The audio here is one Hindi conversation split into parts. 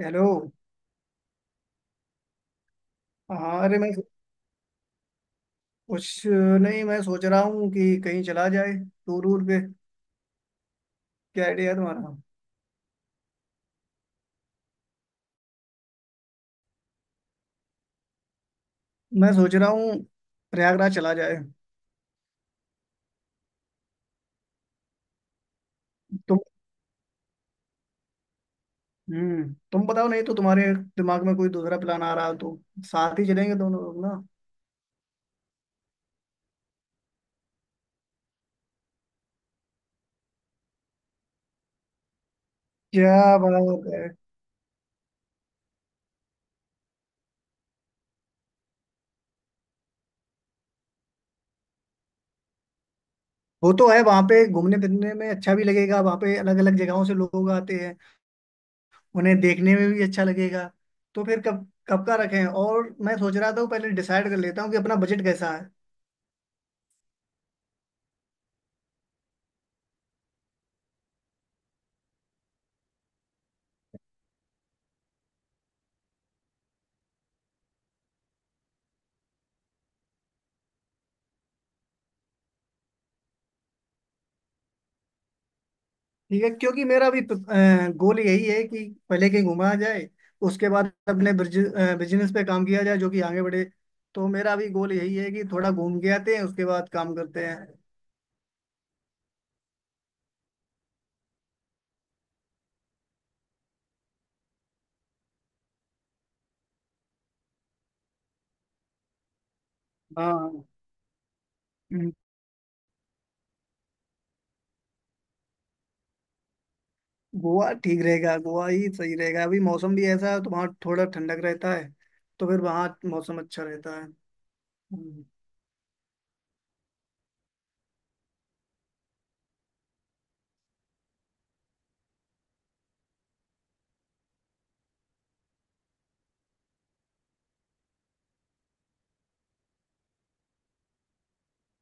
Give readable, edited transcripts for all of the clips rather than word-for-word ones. हेलो। हाँ, अरे मैं कुछ नहीं, मैं सोच रहा हूँ कि कहीं चला जाए, टूर वूर पे। क्या आइडिया है तुम्हारा? मैं सोच रहा हूँ प्रयागराज चला जाए। तुम तुम बताओ, नहीं तो तुम्हारे दिमाग में कोई दूसरा प्लान आ रहा हो तो, साथ ही चलेंगे दोनों लोग ना। क्या बात है। वो तो है, वहाँ पे घूमने फिरने में अच्छा भी लगेगा। वहाँ पे अलग अलग जगहों से लोग आते हैं, उन्हें देखने में भी अच्छा लगेगा। तो फिर कब कब का रखें, और मैं सोच रहा था वो पहले डिसाइड कर लेता हूँ कि अपना बजट कैसा है। ठीक है, क्योंकि मेरा भी गोल यही है कि पहले कहीं घुमा जाए, उसके बाद अपने बिजनेस पे काम किया जाए जो कि आगे बढ़े। तो मेरा भी गोल यही है कि थोड़ा घूम के आते हैं, उसके बाद काम करते हैं। हाँ। हम्म, गोवा ठीक रहेगा, गोवा ही सही रहेगा। अभी मौसम भी ऐसा है तो वहाँ थोड़ा ठंडक रहता है, तो फिर वहाँ मौसम अच्छा रहता है। हम्म,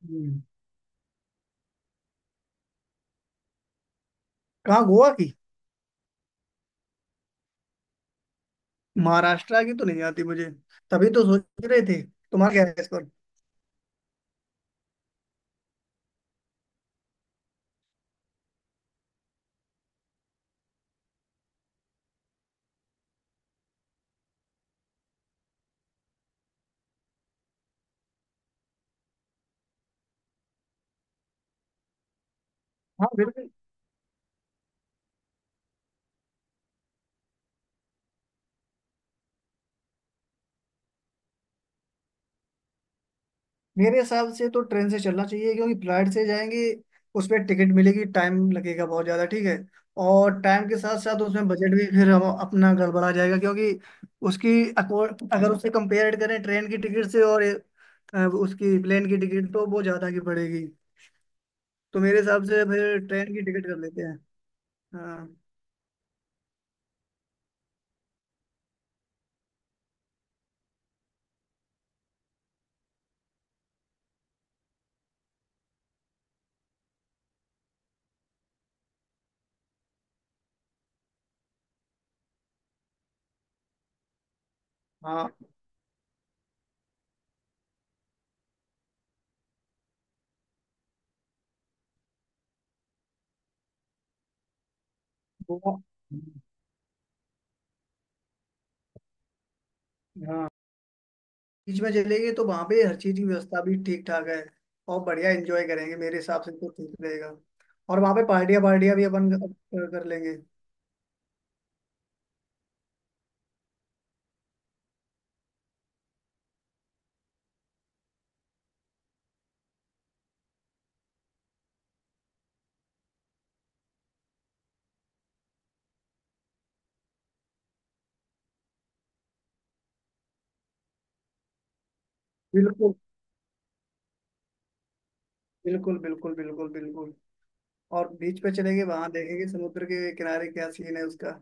हम्म। कहाँ, गोवा की? महाराष्ट्र की तो नहीं आती मुझे। तभी तो सोच रहे थे, तुम्हारा क्या है इस पर। हाँ, बिल्कुल। मेरे हिसाब से तो ट्रेन से चलना चाहिए, क्योंकि फ्लाइट से जाएंगे उस पर टिकट मिलेगी, टाइम लगेगा बहुत ज़्यादा। ठीक है। और टाइम के साथ साथ उसमें बजट भी फिर हम अपना गड़बड़ा जाएगा, क्योंकि उसकी अको- अगर उसे कंपेयर करें ट्रेन की टिकट से और उसकी प्लेन की टिकट, तो वो ज़्यादा की पड़ेगी। तो मेरे हिसाब से फिर ट्रेन की टिकट कर लेते हैं। हाँ, हाँ। गोवा- हाँ, बीच में चलेंगे तो वहां पे हर चीज की व्यवस्था भी ठीक ठाक है, और बढ़िया एंजॉय करेंगे। मेरे हिसाब से तो ठीक रहेगा। और वहां पे पार्टियां पार्टियां भी अपन कर कर लेंगे। बिल्कुल, बिल्कुल, बिल्कुल, बिल्कुल, बिल्कुल। और बीच पे चलेंगे, वहां देखेंगे समुद्र के किनारे क्या सीन है उसका।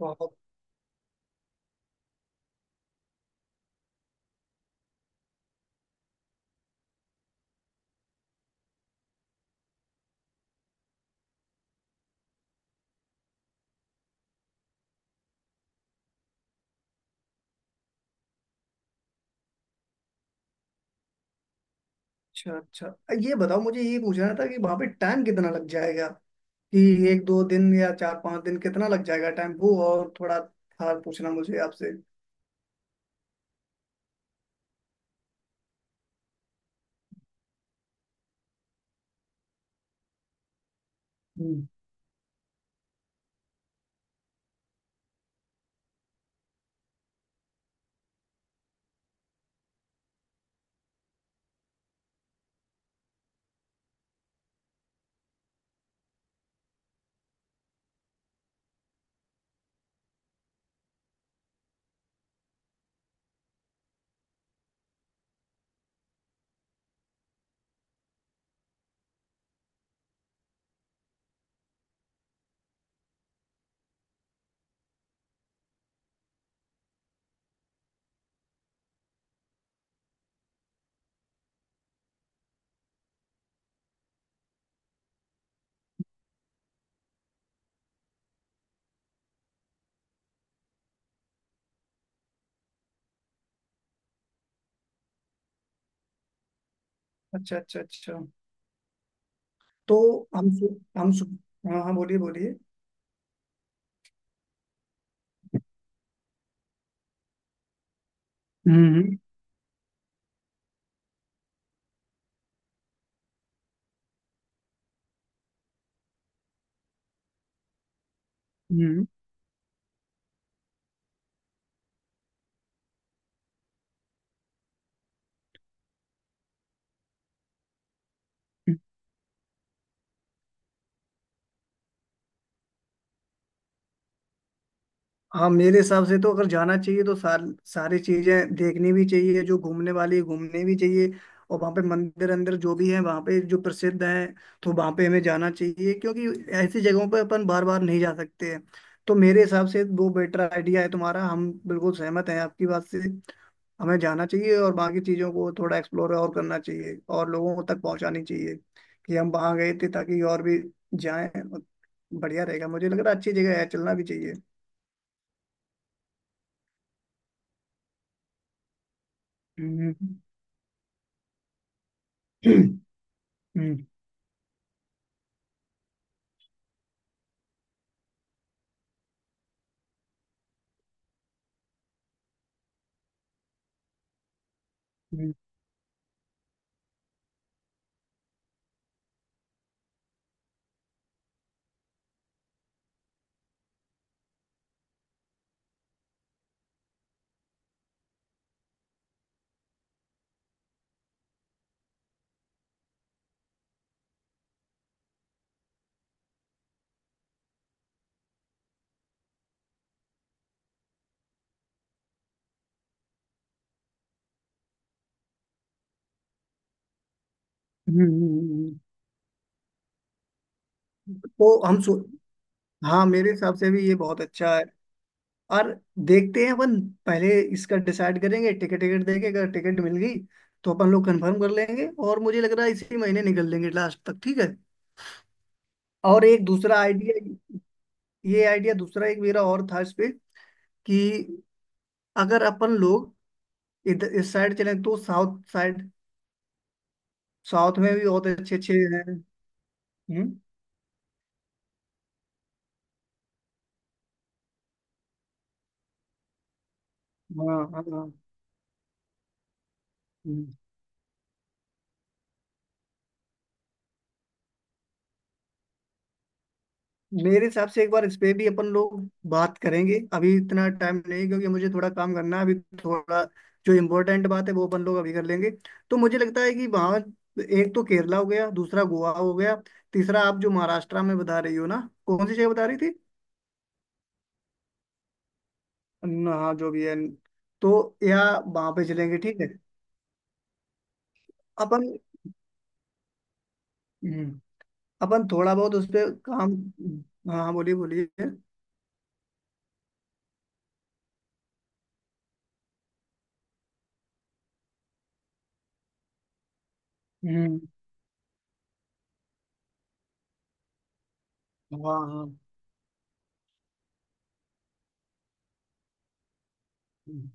बहुत। अच्छा, अच्छा। ये बताओ, मुझे ये पूछना था कि वहां पे टाइम कितना लग जाएगा, कि एक दो दिन या चार पांच दिन कितना लग जाएगा टाइम, वो और थोड़ा था पूछना मुझे आपसे। हम्म। अच्छा, अच्छा, अच्छा। तो हम सु- हम सु- हाँ, हाँ, बोलिए, बोलिए। हम्म, हम्म, हम्म। हाँ, मेरे हिसाब से तो अगर जाना चाहिए तो सारी चीजें देखनी भी चाहिए, जो घूमने वाली है घूमनी भी चाहिए। और वहाँ पे मंदिर अंदर जो भी है वहाँ पे जो प्रसिद्ध है, तो वहाँ पे हमें जाना चाहिए, क्योंकि ऐसी जगहों पे अपन बार बार नहीं जा सकते हैं। तो मेरे हिसाब से वो बेटर आइडिया है तुम्हारा, हम बिल्कुल सहमत हैं आपकी बात से। हमें जाना चाहिए, और बाकी चीज़ों को थोड़ा एक्सप्लोर और करना चाहिए, और लोगों तक पहुंचानी चाहिए कि हम वहाँ गए थे, ताकि और भी जाएं। और बढ़िया रहेगा, मुझे लग रहा है अच्छी जगह है, चलना भी चाहिए। हम्म, हम्म, हम्म, हम्म, हम्म। तो हम सो हाँ, मेरे हिसाब से भी ये बहुत अच्छा है। और देखते हैं अपन पहले इसका डिसाइड करेंगे, टिकट टिकट देके अगर टिकट मिल गई तो अपन लोग कंफर्म कर लेंगे, और मुझे लग रहा है इसी महीने निकल लेंगे लास्ट तक, ठीक है। और एक दूसरा आइडिया, ये आइडिया दूसरा एक मेरा और था इस पे, कि अगर अपन लोग इधर इस साइड चले, तो साउथ साइड, साउथ में भी बहुत अच्छे अच्छे हैं। हम्म। हाँ, हाँ, हाँ। हम्म। मेरे हिसाब से एक बार इस पे भी अपन लोग बात करेंगे, अभी इतना टाइम नहीं क्योंकि मुझे थोड़ा काम करना है अभी। थोड़ा जो इम्पोर्टेंट बात है वो अपन लोग अभी कर लेंगे। तो मुझे लगता है कि वहाँ, एक तो केरला हो गया, दूसरा गोवा हो गया, तीसरा आप जो महाराष्ट्र में बता रही हो ना, कौन सी जगह बता रही थी? हाँ, जो भी है, तो या वहां पे चलेंगे, ठीक है। अपन हम्म, अपन थोड़ा बहुत उस पे काम। हाँ, हाँ, बोलिए, बोलिए। हम्म। हाँ, हाँ। हम्म,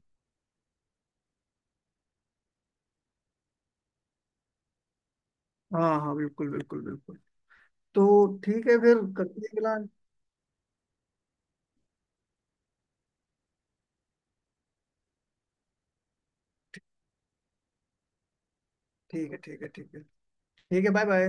हाँ, हाँ, बिल्कुल, बिल्कुल, बिल्कुल। तो ठीक है, फिर करते हैं प्लान। ठीक है, ठीक है, ठीक है। ठीक है, बाय बाय।